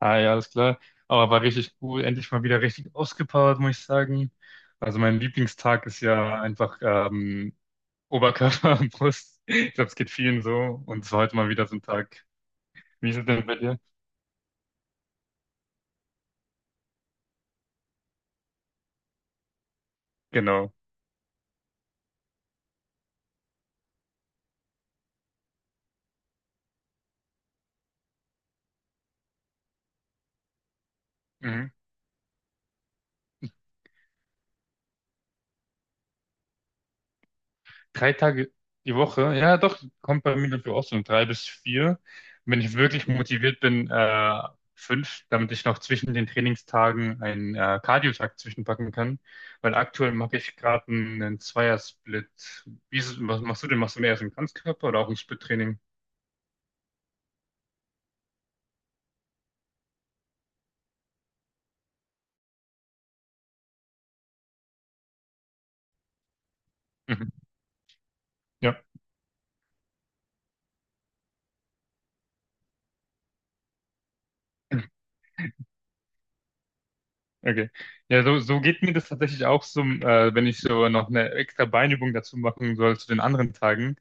Ah ja, alles klar. Aber war richtig cool. Endlich mal wieder richtig ausgepowert, muss ich sagen. Also mein Lieblingstag ist ja einfach Oberkörper und Brust. Ich glaube, es geht vielen so. Und es war heute mal wieder so ein Tag. Wie ist es denn bei dir? Genau. Mhm. Drei Tage die Woche, ja doch, kommt bei mir dafür auch so um drei bis vier. Und wenn ich wirklich motiviert bin, fünf, damit ich noch zwischen den Trainingstagen einen Cardio-Tag zwischenpacken kann. Weil aktuell mache ich gerade einen Zweier-Split. Wie ist, was machst du denn? Machst du mehr so einen Ganzkörper oder auch ein Split-Training? Mhm. Ja. Okay. Ja, so geht mir das tatsächlich auch so, wenn ich so noch eine extra Beinübung dazu machen soll zu den anderen Tagen.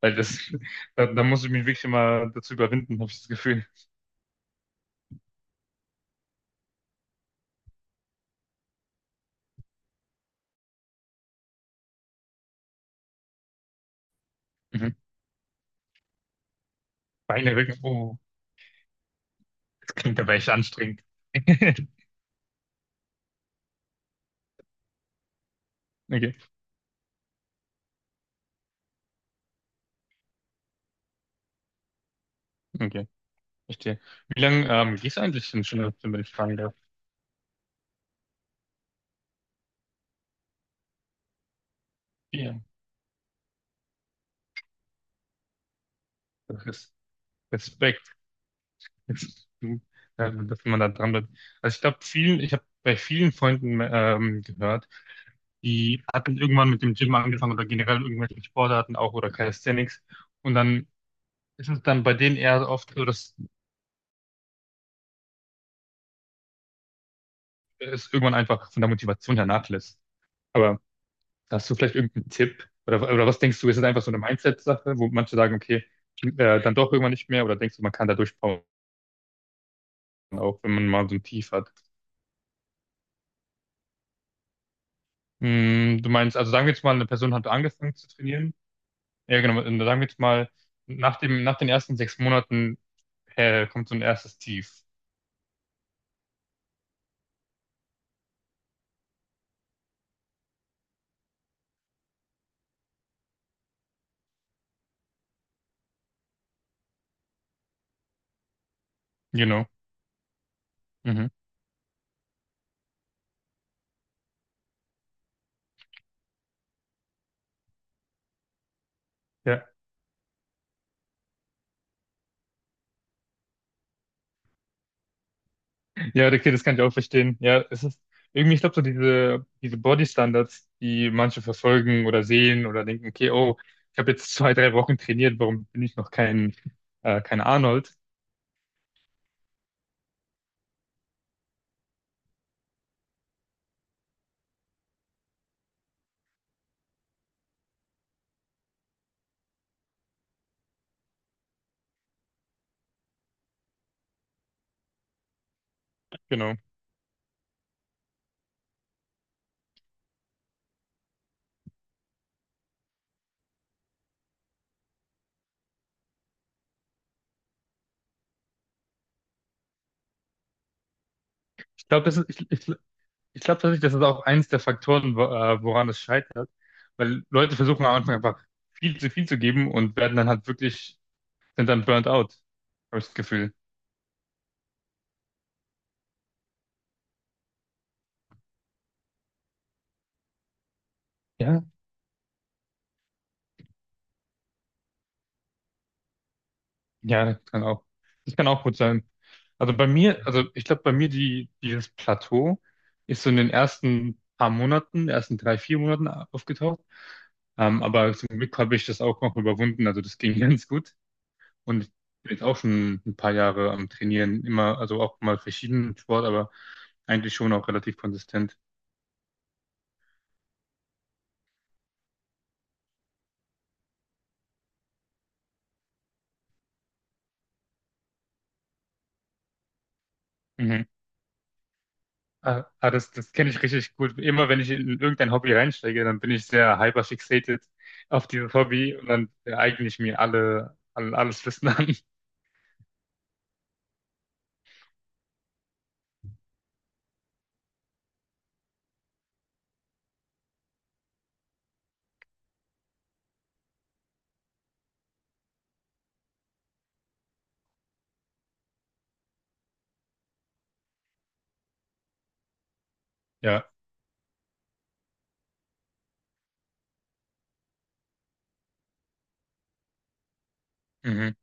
Weil das, da muss ich mich wirklich immer dazu überwinden, habe ich das Gefühl. Mhm. Beine wirklich, oh, das klingt aber echt anstrengend. Okay, okay, verstehe. Wie lange gehst du eigentlich denn schon, wenn ich fragen darf? Ja, das ist Respekt, dass du- dass man da dran bleibt. Also ich glaube, vielen, ich habe bei vielen Freunden gehört, die hatten irgendwann mit dem Gym angefangen oder generell irgendwelche Sportarten auch oder Calisthenics. Und dann ist es dann bei denen eher oft so, dass es irgendwann einfach von der Motivation her nachlässt. Aber hast du vielleicht irgendeinen Tipp? Oder was denkst du, ist es einfach so eine Mindset-Sache, wo manche sagen, okay, dann doch irgendwann nicht mehr? Oder denkst du, man kann da durchpowern, auch wenn man mal so ein Tief hat? Mm, du meinst, also sagen wir jetzt mal, eine Person hat angefangen zu trainieren. Ja, genau. Und sagen wir jetzt mal, nach den ersten 6 Monaten, kommt so ein erstes Tief. Genau. Mhm. Ja, ja, okay, das kann ich auch verstehen. Ja, es ist irgendwie, ich glaube, so diese Body-Standards, die manche verfolgen oder sehen oder denken, okay, oh, ich habe jetzt zwei, drei Wochen trainiert, warum bin ich noch kein Arnold? Genau. Ich glaube, das ist, ich glaube tatsächlich, das ist auch eins der Faktoren, woran es scheitert, weil Leute versuchen am Anfang einfach viel zu geben und werden dann halt wirklich, sind dann burnt out, habe ich das Gefühl. Ja, das kann auch gut sein. Also bei mir, also ich glaube, bei mir die, dieses Plateau ist so in den ersten paar Monaten, ersten drei, vier Monaten aufgetaucht. Aber zum Glück habe ich das auch noch überwunden. Also das ging ganz gut. Und ich bin jetzt auch schon ein paar Jahre am Trainieren. Immer, also auch mal verschiedenen Sport, aber eigentlich schon auch relativ konsistent. Mhm. Das kenne ich richtig gut. Immer wenn ich in irgendein Hobby reinsteige, dann bin ich sehr hyperfixiert auf dieses Hobby und dann eigne ich mir alles Wissen an. Ja, mhm.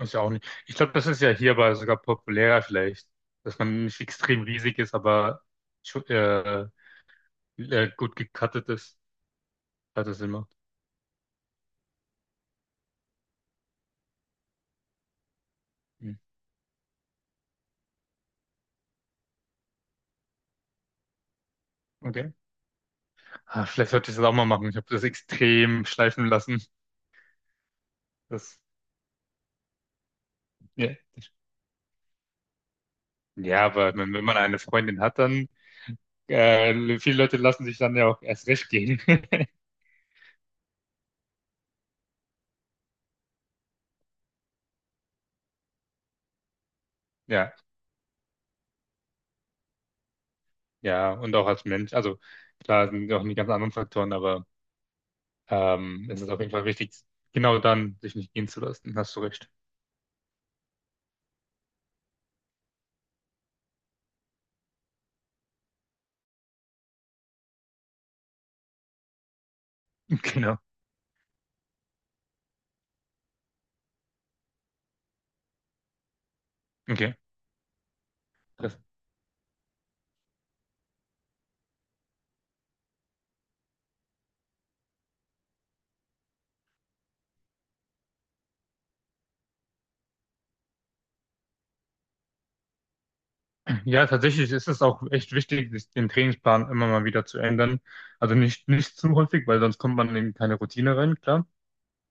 Ist ja auch nicht. Ich glaube, das ist ja hierbei sogar populärer vielleicht, dass man nicht extrem riesig ist, aber schu- äh, gut gecuttet ist, hat das Sinn macht. Mhm. Okay. Ah, vielleicht sollte ich das auch mal machen. Ich habe das extrem schleifen lassen. Das, ja, ja, aber wenn man eine Freundin hat, dann äh, viele Leute lassen sich dann ja auch erst recht gehen. Ja, ja, und auch als Mensch. Also klar sind auch die ganz anderen Faktoren, aber es ist auf jeden Fall wichtig, genau dann sich nicht gehen zu lassen. Hast du recht. Genau. Okay. Das, ja, tatsächlich ist es auch echt wichtig, sich den Trainingsplan immer mal wieder zu ändern. Also nicht zu häufig, weil sonst kommt man in keine Routine rein, klar.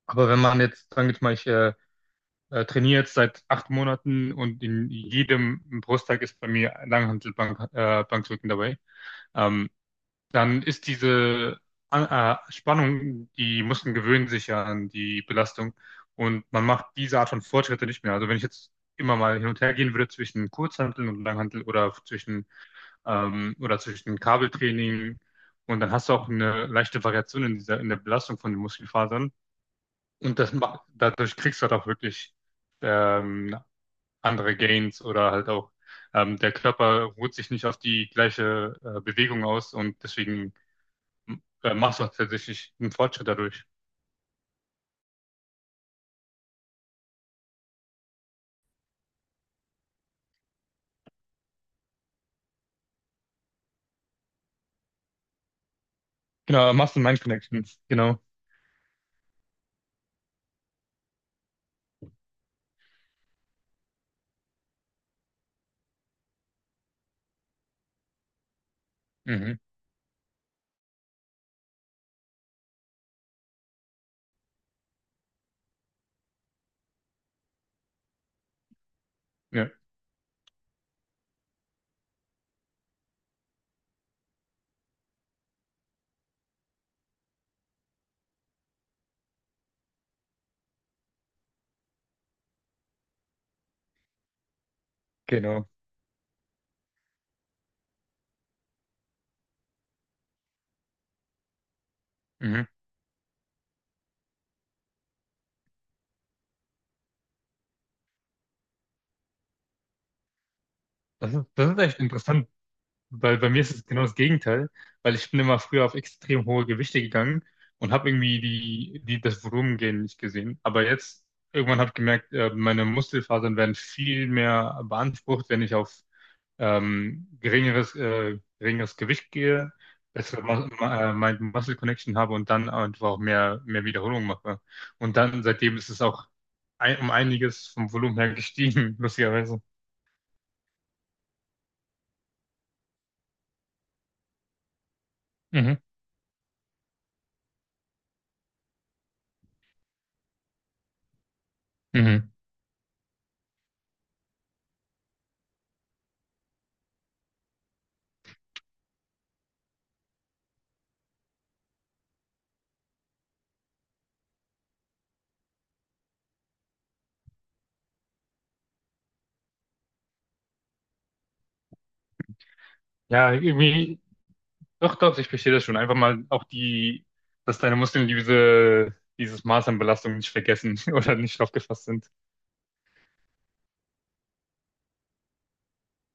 Aber wenn man jetzt, sagen wir jetzt mal, ich trainiere jetzt seit 8 Monaten und in jedem Brusttag ist bei mir Langhantelbank, Bankdrücken dabei. Ähm, dann ist diese Spannung, die Muskeln gewöhnen sich ja an die Belastung und man macht diese Art von Fortschritte nicht mehr. Also wenn ich jetzt immer mal hin und her gehen würde zwischen Kurzhanteln und Langhantel oder zwischen Kabeltraining, und dann hast du auch eine leichte Variation in dieser in der Belastung von den Muskelfasern und das macht, dadurch kriegst du halt auch wirklich ähm, andere Gains oder halt auch der Körper ruht sich nicht auf die gleiche Bewegung aus und deswegen machst du tatsächlich einen Fortschritt dadurch. Genau, machst du Mind Connections. Genau. Mhm. Ja, genau. Mhm. Das ist echt interessant. Weil bei mir ist es genau das Gegenteil, weil ich bin immer früher auf extrem hohe Gewichte gegangen und habe irgendwie das Volumen gehen nicht gesehen. Aber jetzt, irgendwann habe ich gemerkt, meine Muskelfasern werden viel mehr beansprucht, wenn ich auf geringeres Gewicht gehe, bessere Mind-Muscle Connection habe und dann einfach auch mehr Wiederholung mache. Und dann seitdem ist es auch ein, um einiges vom Volumen her gestiegen, lustigerweise. Mhm. Mhm. Ja, irgendwie. Doch, doch, ich verstehe das schon. Einfach mal auch die, dass deine Muskeln diese, dieses Maß an Belastung nicht vergessen oder nicht drauf gefasst sind.